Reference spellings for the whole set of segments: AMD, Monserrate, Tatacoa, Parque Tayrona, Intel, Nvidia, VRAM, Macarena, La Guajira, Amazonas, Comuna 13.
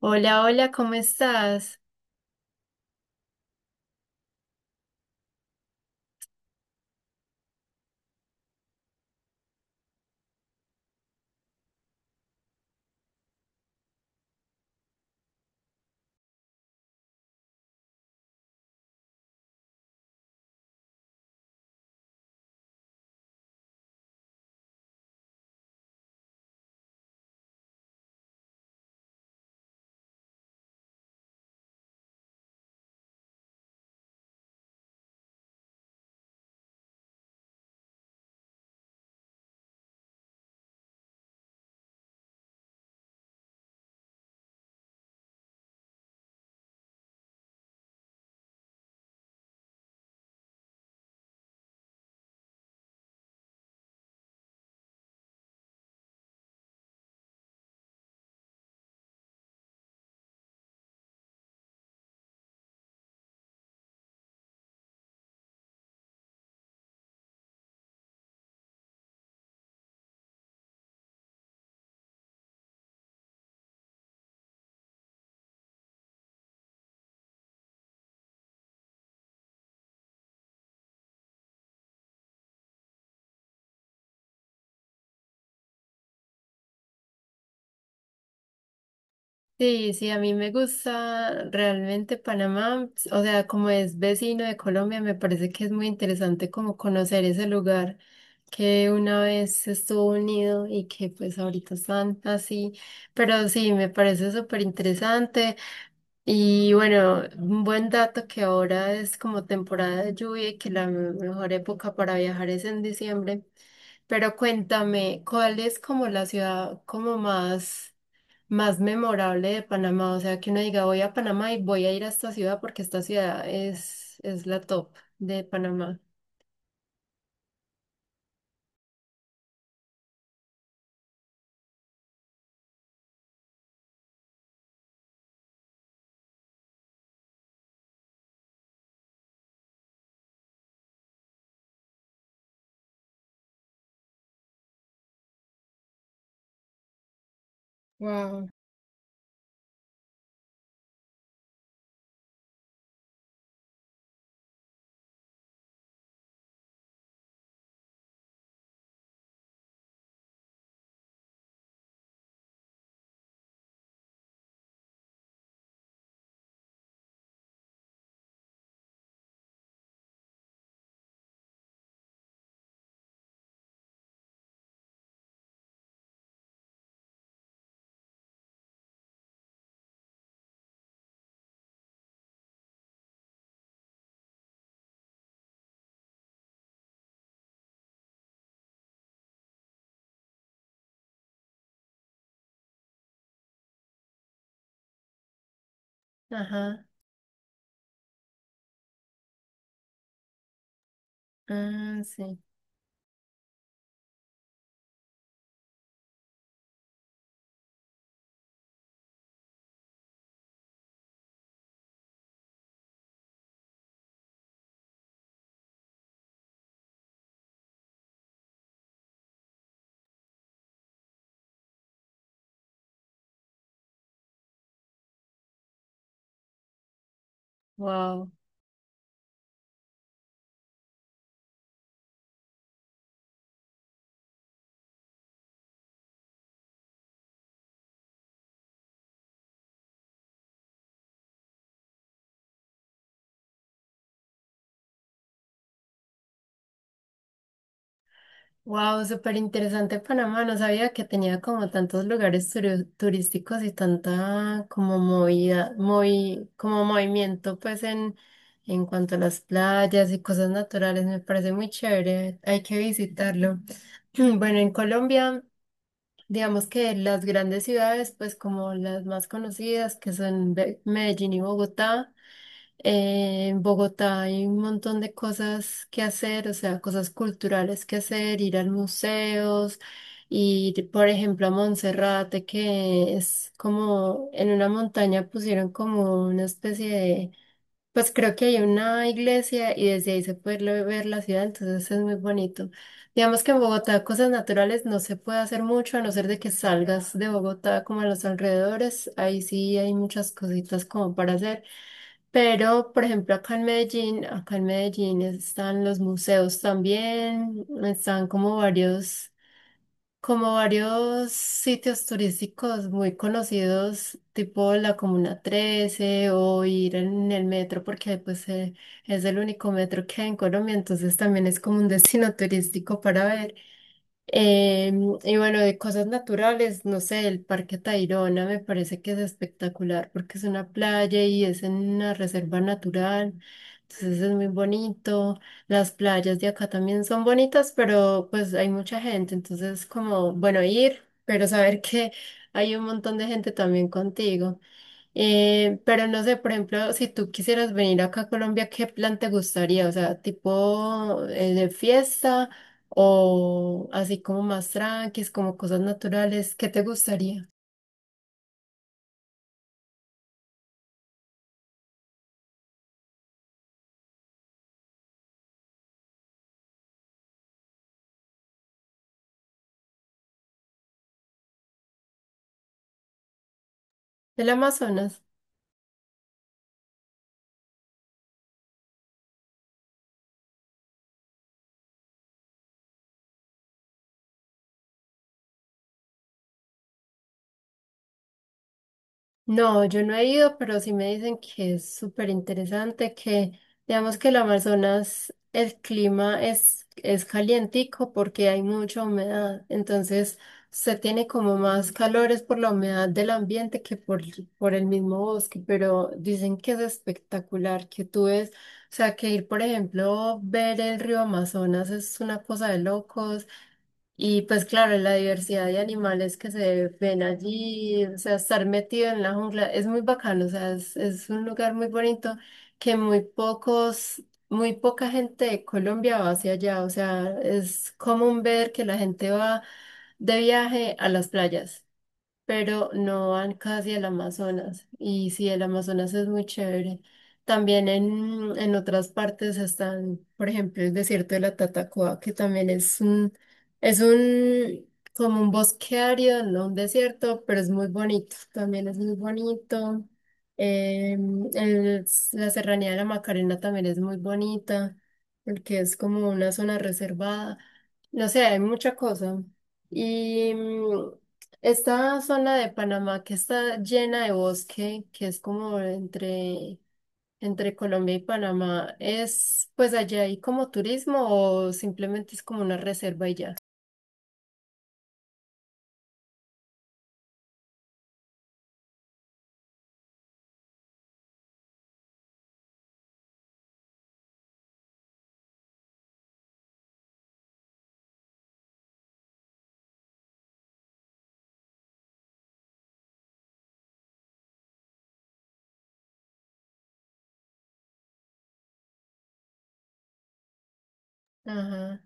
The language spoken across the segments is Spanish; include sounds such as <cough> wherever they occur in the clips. Hola, hola, ¿cómo estás? Sí, sí, a mí me gusta realmente Panamá, o sea, como es vecino de Colombia, me parece que es muy interesante como conocer ese lugar que una vez estuvo unido y que pues ahorita están así, pero sí, me parece súper interesante. Y bueno, un buen dato que ahora es como temporada de lluvia y que la mejor época para viajar es en diciembre. Pero cuéntame, ¿cuál es como la ciudad como más, más memorable de Panamá? O sea, que uno diga, voy a Panamá y voy a ir a esta ciudad porque esta ciudad es la top de Panamá. Wow. Ajá. Ah, sí. Wow. Wow, súper interesante Panamá. No sabía que tenía como tantos lugares turísticos y tanta como como movimiento pues en cuanto a las playas y cosas naturales. Me parece muy chévere. Hay que visitarlo. <clears throat> Bueno, en Colombia, digamos que las grandes ciudades, pues como las más conocidas, que son Medellín y Bogotá. En Bogotá hay un montón de cosas que hacer, o sea, cosas culturales que hacer, ir a museos, ir, por ejemplo, a Monserrate, que es como en una montaña pusieron como una especie de, pues creo que hay una iglesia y desde ahí se puede ver la ciudad, entonces es muy bonito. Digamos que en Bogotá cosas naturales no se puede hacer mucho, a no ser de que salgas de Bogotá como a los alrededores, ahí sí hay muchas cositas como para hacer. Pero, por ejemplo, acá en Medellín están los museos también, están como varios sitios turísticos muy conocidos, tipo la Comuna 13 o ir en el metro, porque pues es el único metro que hay en Colombia, entonces también es como un destino <laughs> turístico para ver. Em, y bueno, de cosas naturales, no sé, el Parque Tayrona me parece que es espectacular porque es una playa y es en una reserva natural, entonces es muy bonito. Las playas de acá también son bonitas, pero pues hay mucha gente, entonces como, bueno, ir, pero saber que hay un montón de gente también contigo. Pero no sé, por ejemplo, si tú quisieras venir acá a Colombia, ¿qué plan te gustaría? O sea, tipo de fiesta o así como más tranquis, como cosas naturales, ¿qué te gustaría? ¿El Amazonas? No, yo no he ido, pero sí me dicen que es súper interesante, que digamos que el Amazonas, el clima es calientico porque hay mucha humedad, entonces se tiene como más calores por la humedad del ambiente que por el mismo bosque, pero dicen que es espectacular, que tú ves, o sea, que ir, por ejemplo, ver el río Amazonas es una cosa de locos. Y pues claro, la diversidad de animales que se ven allí, o sea, estar metido en la jungla es muy bacano, o sea, es un lugar muy bonito que muy pocos, muy poca gente de Colombia va hacia allá, o sea, es común ver que la gente va de viaje a las playas pero no van casi al Amazonas. Y sí, el Amazonas es muy chévere. También en otras partes están, por ejemplo, el desierto de la Tatacoa, que también es un, como un bosque árido, no un desierto, pero es muy bonito. También es muy bonito. Em, el- la serranía de la Macarena también es muy bonita, porque es como una zona reservada. No sé, hay mucha cosa. Y, mm, esta zona de Panamá que está llena de bosque, que es como entre, entre Colombia y Panamá, ¿es pues allá hay como turismo o simplemente es como una reserva y ya? Ajá.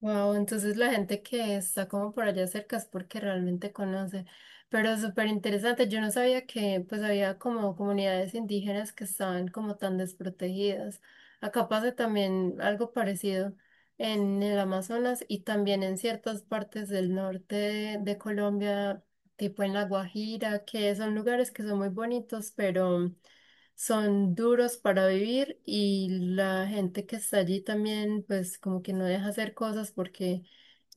Wow, entonces la gente que está como por allá cerca es porque realmente conoce, pero súper interesante, yo no sabía que pues había como comunidades indígenas que estaban como tan desprotegidas. Acá pasa también algo parecido en el Amazonas y también en ciertas partes del norte de Colombia, tipo en La Guajira, que son lugares que son muy bonitos, pero son duros para vivir y la gente que está allí también, pues como que no deja hacer cosas porque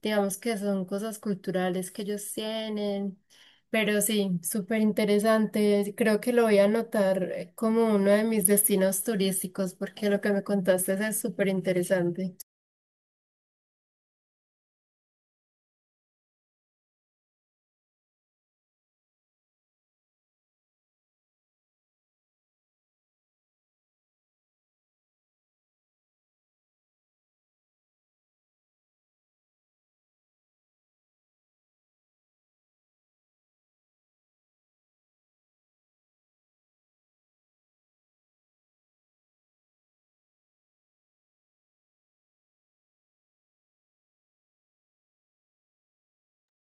digamos que son cosas culturales que ellos tienen. Pero sí, súper interesante. Creo que lo voy a anotar como uno de mis destinos turísticos porque lo que me contaste es súper interesante.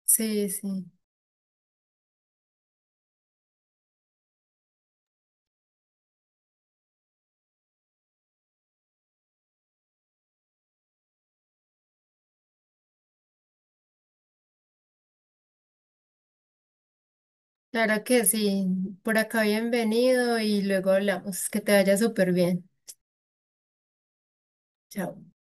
Sí, sí. Claro que sí. Por acá bienvenido y luego hablamos. Que te vaya súper bien. Chao.